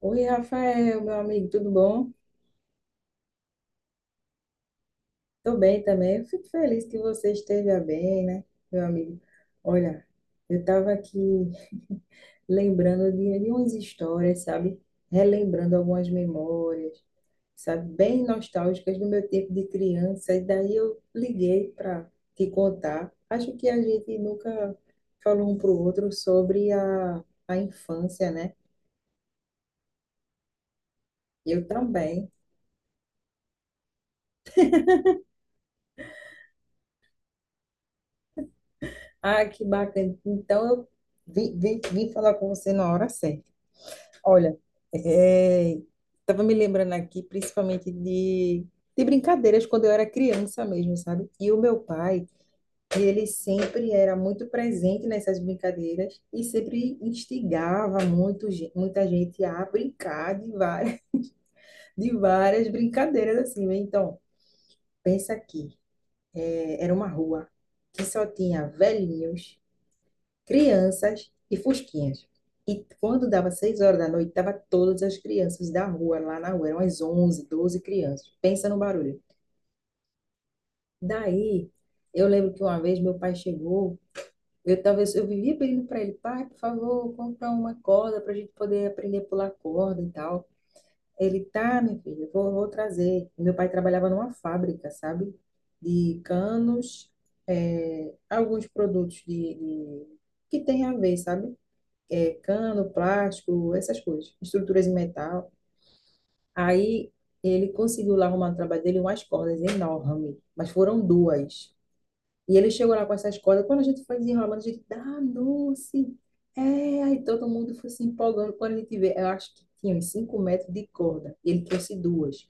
Oi, Rafael, meu amigo, tudo bom? Tô bem também. Eu fico feliz que você esteja bem, né, meu amigo? Olha, eu estava aqui lembrando de umas histórias, sabe? Relembrando algumas memórias, sabe? Bem nostálgicas do meu tempo de criança. E daí eu liguei para te contar. Acho que a gente nunca falou um para o outro sobre a infância, né? Eu também. Ah, que bacana. Então, eu vim falar com você na hora certa. Olha, estava me lembrando aqui, principalmente de brincadeiras quando eu era criança mesmo, sabe? E o meu pai, ele sempre era muito presente nessas brincadeiras e sempre instigava muito, muita gente a brincar de várias, de várias brincadeiras assim, né? Então, pensa aqui, era uma rua que só tinha velhinhos crianças e fusquinhas. E quando dava 6 horas da noite, tava todas as crianças da rua, lá na rua, eram umas 11 12 crianças. Pensa no barulho. Daí, eu lembro que uma vez meu pai chegou, eu talvez eu vivia pedindo para ele, pai, por favor, compra uma corda para a gente poder aprender a pular corda e tal. Ele, tá, minha filha, eu vou trazer. Meu pai trabalhava numa fábrica, sabe? De canos, alguns produtos que tem a ver, sabe? Cano, plástico, essas coisas, estruturas em metal. Aí ele conseguiu lá arrumar no trabalho dele umas cordas enormes, mas foram duas. E ele chegou lá com essas cordas, quando a gente foi desenrolando, a gente, ah, doce! É, aí todo mundo foi se empolgando quando a gente vê. Eu acho que tinha uns 5 metros de corda, e ele trouxe duas.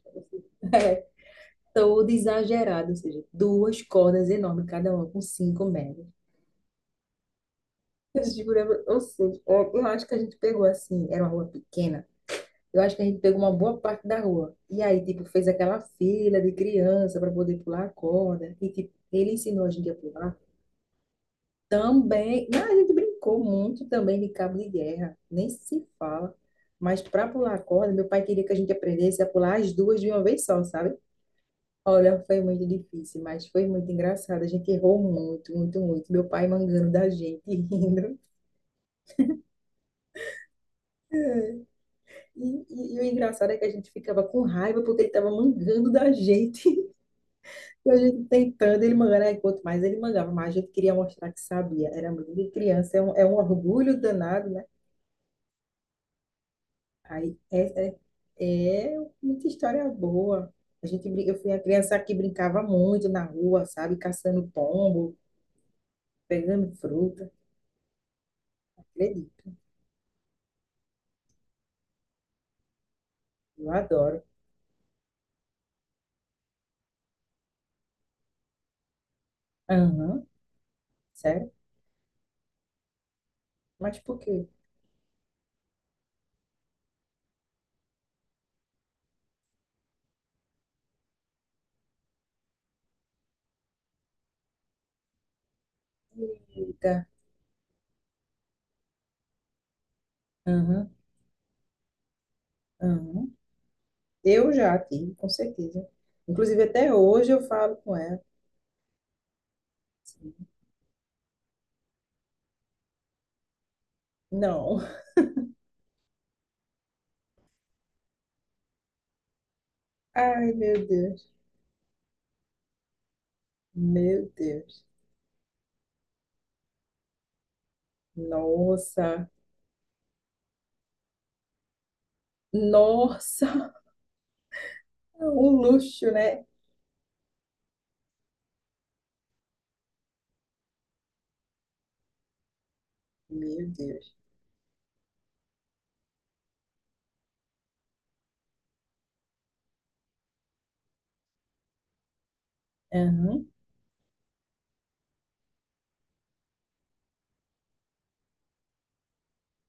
Todo exagerado, ou seja, duas cordas enormes, cada uma com 5 metros. Eu jurava, ou seja, eu acho que a gente pegou assim, era uma rua pequena, eu acho que a gente pegou uma boa parte da rua. E aí, tipo, fez aquela fila de criança para poder pular a corda. E, tipo, ele ensinou a gente a pular. Também, mas a gente brincou muito também de cabo de guerra. Nem se fala. Mas para pular a corda, meu pai queria que a gente aprendesse a pular as duas de uma vez só, sabe? Olha, foi muito difícil, mas foi muito engraçado. A gente errou muito, muito, muito. Meu pai mangando da gente, rindo. E o engraçado é que a gente ficava com raiva porque ele estava mangando da gente. E a gente tentando, ele mangando, aí quanto mais ele mangava, mais a gente queria mostrar que sabia. Era muito de criança, é um orgulho danado, né? Aí é muita história boa. Eu fui a criança que brincava muito na rua, sabe? Caçando pombo, pegando fruta. Acredito, eu adoro. Aham, sério? Mas por quê? Eita, aham, aham. Eu já tive, com certeza. Inclusive, até hoje eu falo com ela. Assim, não. Ai, meu Deus. Meu Deus. Nossa. Nossa. Um luxo, né? Meu Deus. Aham,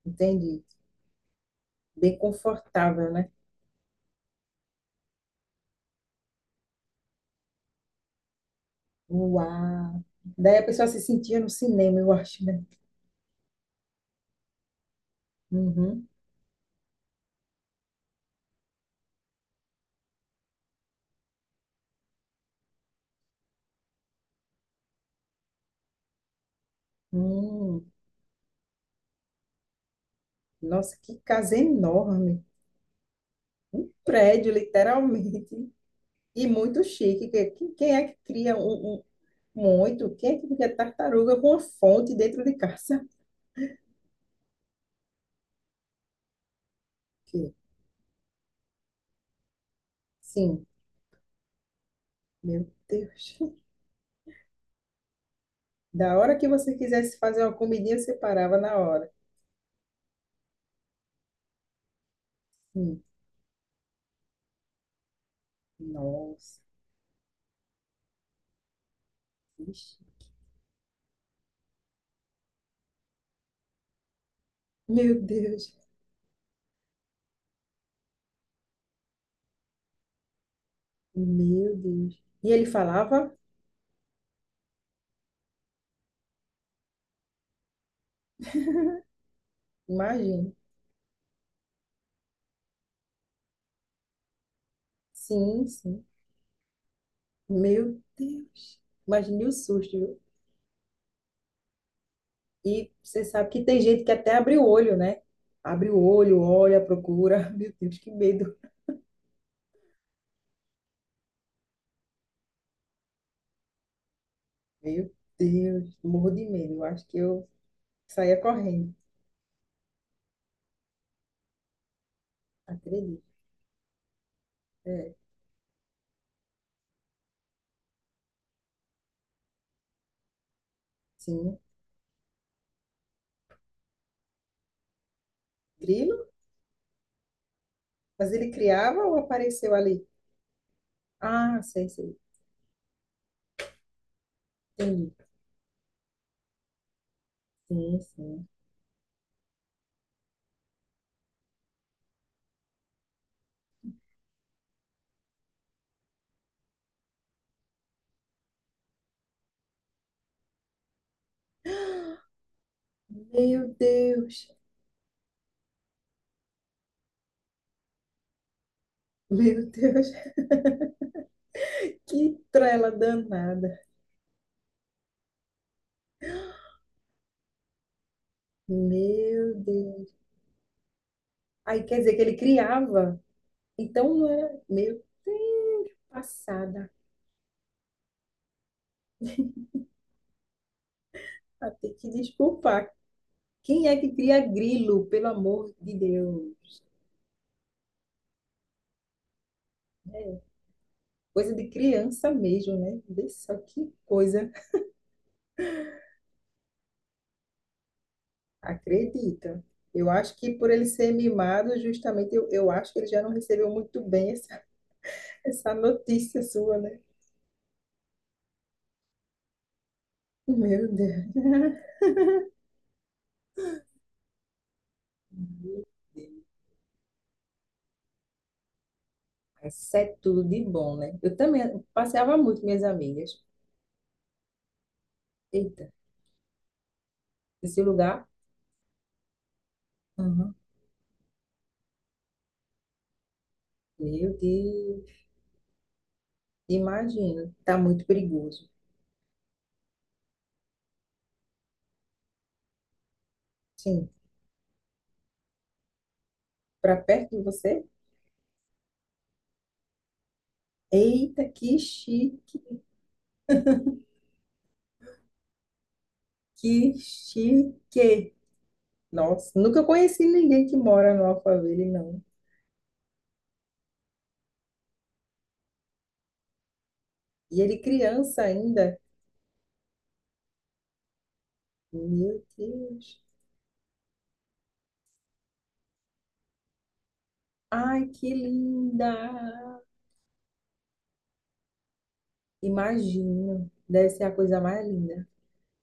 entendi. Bem confortável, né? Uau. Daí a pessoa se sentia no cinema, eu acho, né? Uhum. Hum. Nossa, que casa enorme. Um prédio, literalmente. E muito chique. Quem é que cria muito? Quem é que cria tartaruga com uma fonte dentro de casa? Que- Sim. Meu Deus. Da hora que você quisesse fazer uma comidinha, você parava na hora. Hum, Nossa. Ixi. Meu Deus. Meu Deus. E ele falava? Imagina. Sim, sim. Meu Deus. Imagine o susto, viu? E você sabe que tem gente que até abre o olho, né? Abre o olho, olha, procura. Meu Deus, que medo. Meu Deus. Morro de medo. Eu acho que eu saía correndo. Acredito. É. Sim. Grilo? Mas ele criava ou apareceu ali? Ah, sei, sei. Sim, sim, sim. Meu Deus, meu Deus, que trela danada. Meu Deus. Aí quer dizer que ele criava. Então não era. Meu Deus, passada. Vai ter que desculpar. Quem é que cria grilo, pelo amor de Deus? É, coisa de criança mesmo, né? Vê só que coisa. Acredita. Eu acho que por ele ser mimado, justamente, eu acho que ele já não recebeu muito bem essa, essa notícia sua, né? Meu Deus. Isso é tudo de bom, né? Eu também passeava muito com minhas amigas. Eita, esse lugar? Uhum. Meu Deus. Imagino. Tá muito perigoso. Sim. Pra perto de você? Eita, que chique, que chique. Nossa, nunca conheci ninguém que mora no Alphaville, não. E ele criança ainda. Meu Deus. Ai, que linda. Imagino. Deve ser a coisa mais linda.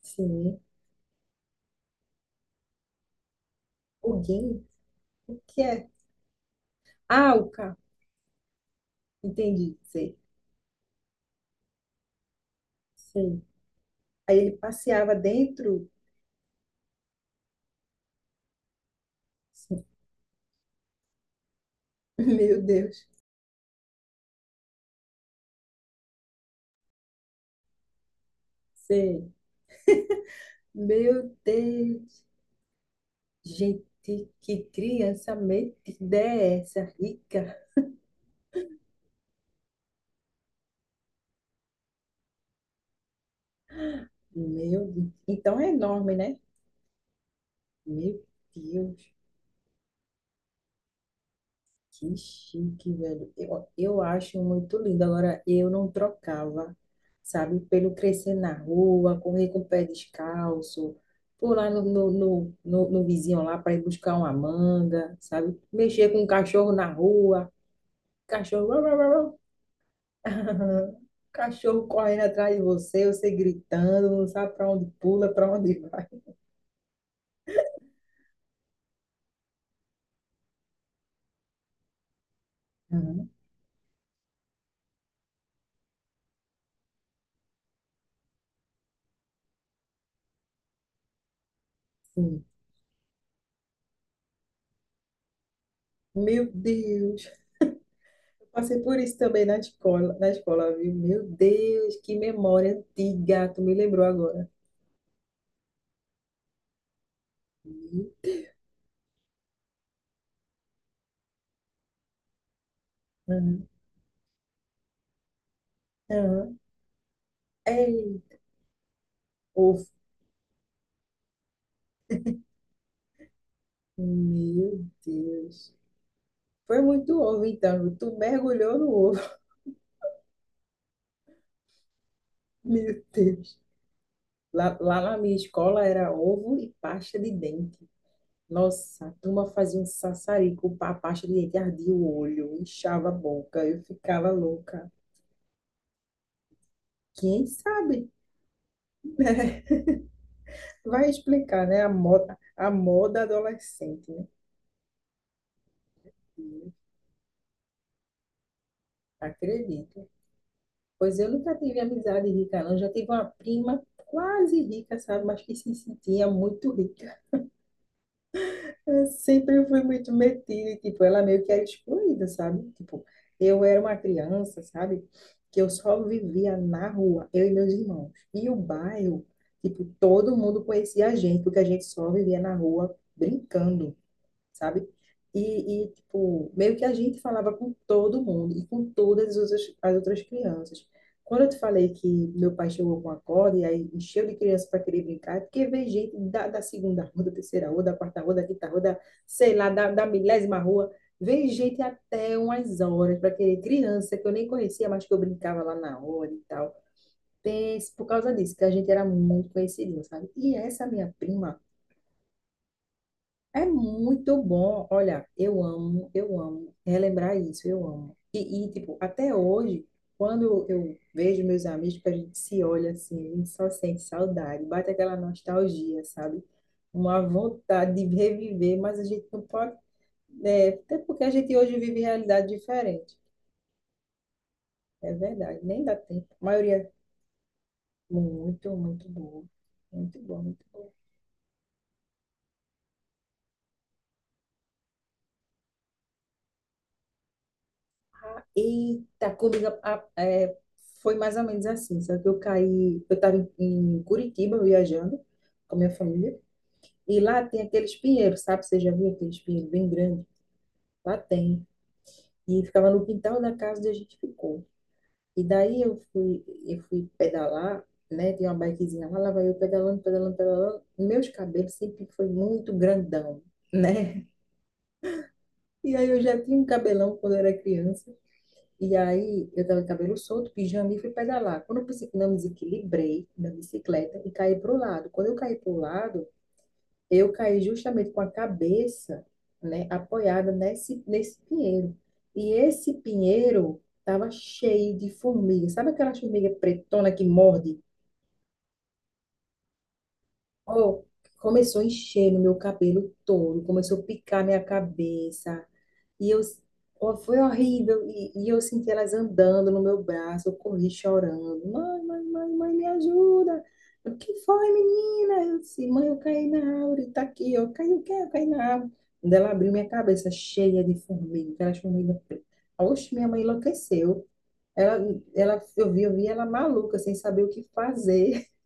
Sim. Huguinho? O que é? Ah, o carro. Entendi, sei, sei. Aí ele passeava dentro. Sim. Meu Deus, sei. Meu Deus, gente, que criança metida é essa, rica? Meu Deus. Então é enorme, né? Meu Deus. Que chique, velho. Eu acho muito lindo. Agora, eu não trocava, sabe, pelo crescer na rua, correr com o pé descalço, pular no vizinho lá para ir buscar uma manga, sabe? Mexer com um cachorro na rua, cachorro. Uau, uau, uau, uau. Cachorro correndo atrás de você, você gritando, não sabe para onde pula, para onde vai. Uhum. Sim. Meu Deus. Passei por isso também na escola, viu? Meu Deus, que memória antiga, tu me lembrou agora. Uhum, uhum, uhum. Ei, ovo. Meu Deus. Foi muito ovo, então. Tu mergulhou no ovo. Meu Deus. Lá na minha escola era ovo e pasta de dente. Nossa, a turma fazia um sassarico, a pasta de dente ardia o olho, inchava a boca, eu ficava louca. Quem sabe? Vai explicar, né? A moda adolescente, né? Acredito. Pois eu nunca tive amizade rica, não. Já tive uma prima quase rica, sabe? Mas que se sentia muito rica. Eu sempre fui muito metida, e, tipo, ela meio que era excluída, sabe? Tipo, eu era uma criança, sabe? Que eu só vivia na rua, eu e meus irmãos. E o bairro, tipo, todo mundo conhecia a gente, porque a gente só vivia na rua brincando, sabe? E, tipo, meio que a gente falava com todo mundo e com todas as outras crianças. Quando eu te falei que meu pai chegou com a corda e aí encheu de criança para querer brincar, é porque veio gente da segunda rua, da terceira rua, da quarta rua, da quinta rua, da, sei lá, da milésima rua. Veio gente até umas horas para querer criança que eu nem conhecia, mas que eu brincava lá na hora e tal. Pense, por causa disso, que a gente era muito conhecido, sabe? E essa minha prima é muito bom. Olha, eu amo relembrar isso, eu amo. E, tipo, até hoje, quando eu vejo meus amigos, que a gente se olha assim, a gente só sente saudade, bate aquela nostalgia, sabe? Uma vontade de reviver, mas a gente não pode, né? Até porque a gente hoje vive realidade diferente. É verdade, nem dá tempo. A maioria, é muito, muito bom. Muito bom, muito bom. Eita, comigo foi mais ou menos assim, só que eu caí, eu estava em Curitiba viajando com a minha família, e lá tem aqueles pinheiros, sabe? Você já viu aqueles pinheiros bem grandes? Lá tem. E ficava no quintal da casa onde a gente ficou. E daí eu fui, pedalar, né? Tinha uma bikezinha lá, lá vai eu pedalando, pedalando, pedalando. Meus cabelos sempre foi muito grandão, né? E aí eu já tinha um cabelão quando eu era criança. E aí, eu tava de cabelo solto, pijama e fui pedalar. Quando eu pensei que não me desequilibrei da bicicleta e caí pro lado. Quando eu caí pro lado, eu caí justamente com a cabeça, né, apoiada nesse pinheiro. E esse pinheiro tava cheio de formiga. Sabe aquela formiga pretona que morde? Oh, começou a encher no meu cabelo todo, começou a picar minha cabeça. E eu, ó, foi horrível. E eu senti elas andando no meu braço, eu corri chorando. Mãe, mãe, mãe, mãe, me ajuda. O que foi, menina? Eu disse, mãe, eu caí na árvore, tá aqui. Eu caí o quê? Eu caí na árvore. Quando ela abriu minha cabeça cheia de formiga, aquelas formigas pretas. Oxe, minha mãe enlouqueceu. Ela, eu vi ela maluca, sem saber o que fazer.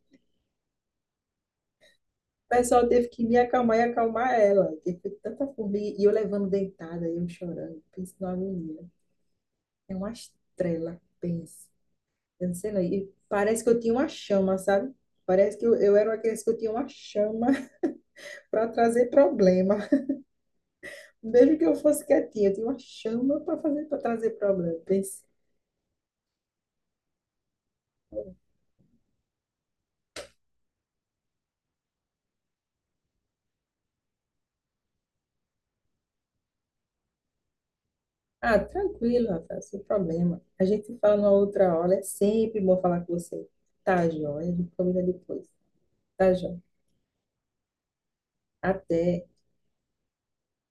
O pessoal teve que me acalmar e acalmar ela. Porque foi tanta formiga. E eu levando deitada, eu chorando, pensando numa menina. É uma estrela, pensa. Eu não sei não. E parece que eu tinha uma chama, sabe? Parece que eu era uma criança que eu tinha uma chama para trazer problema. Mesmo que eu fosse quietinha, eu tinha uma chama para fazer para trazer problema. Pense, ah, tranquilo, Rafael, sem problema. A gente fala numa outra hora, é sempre bom falar com você. Tá, joia, a gente combina depois. Tá, joia. Até.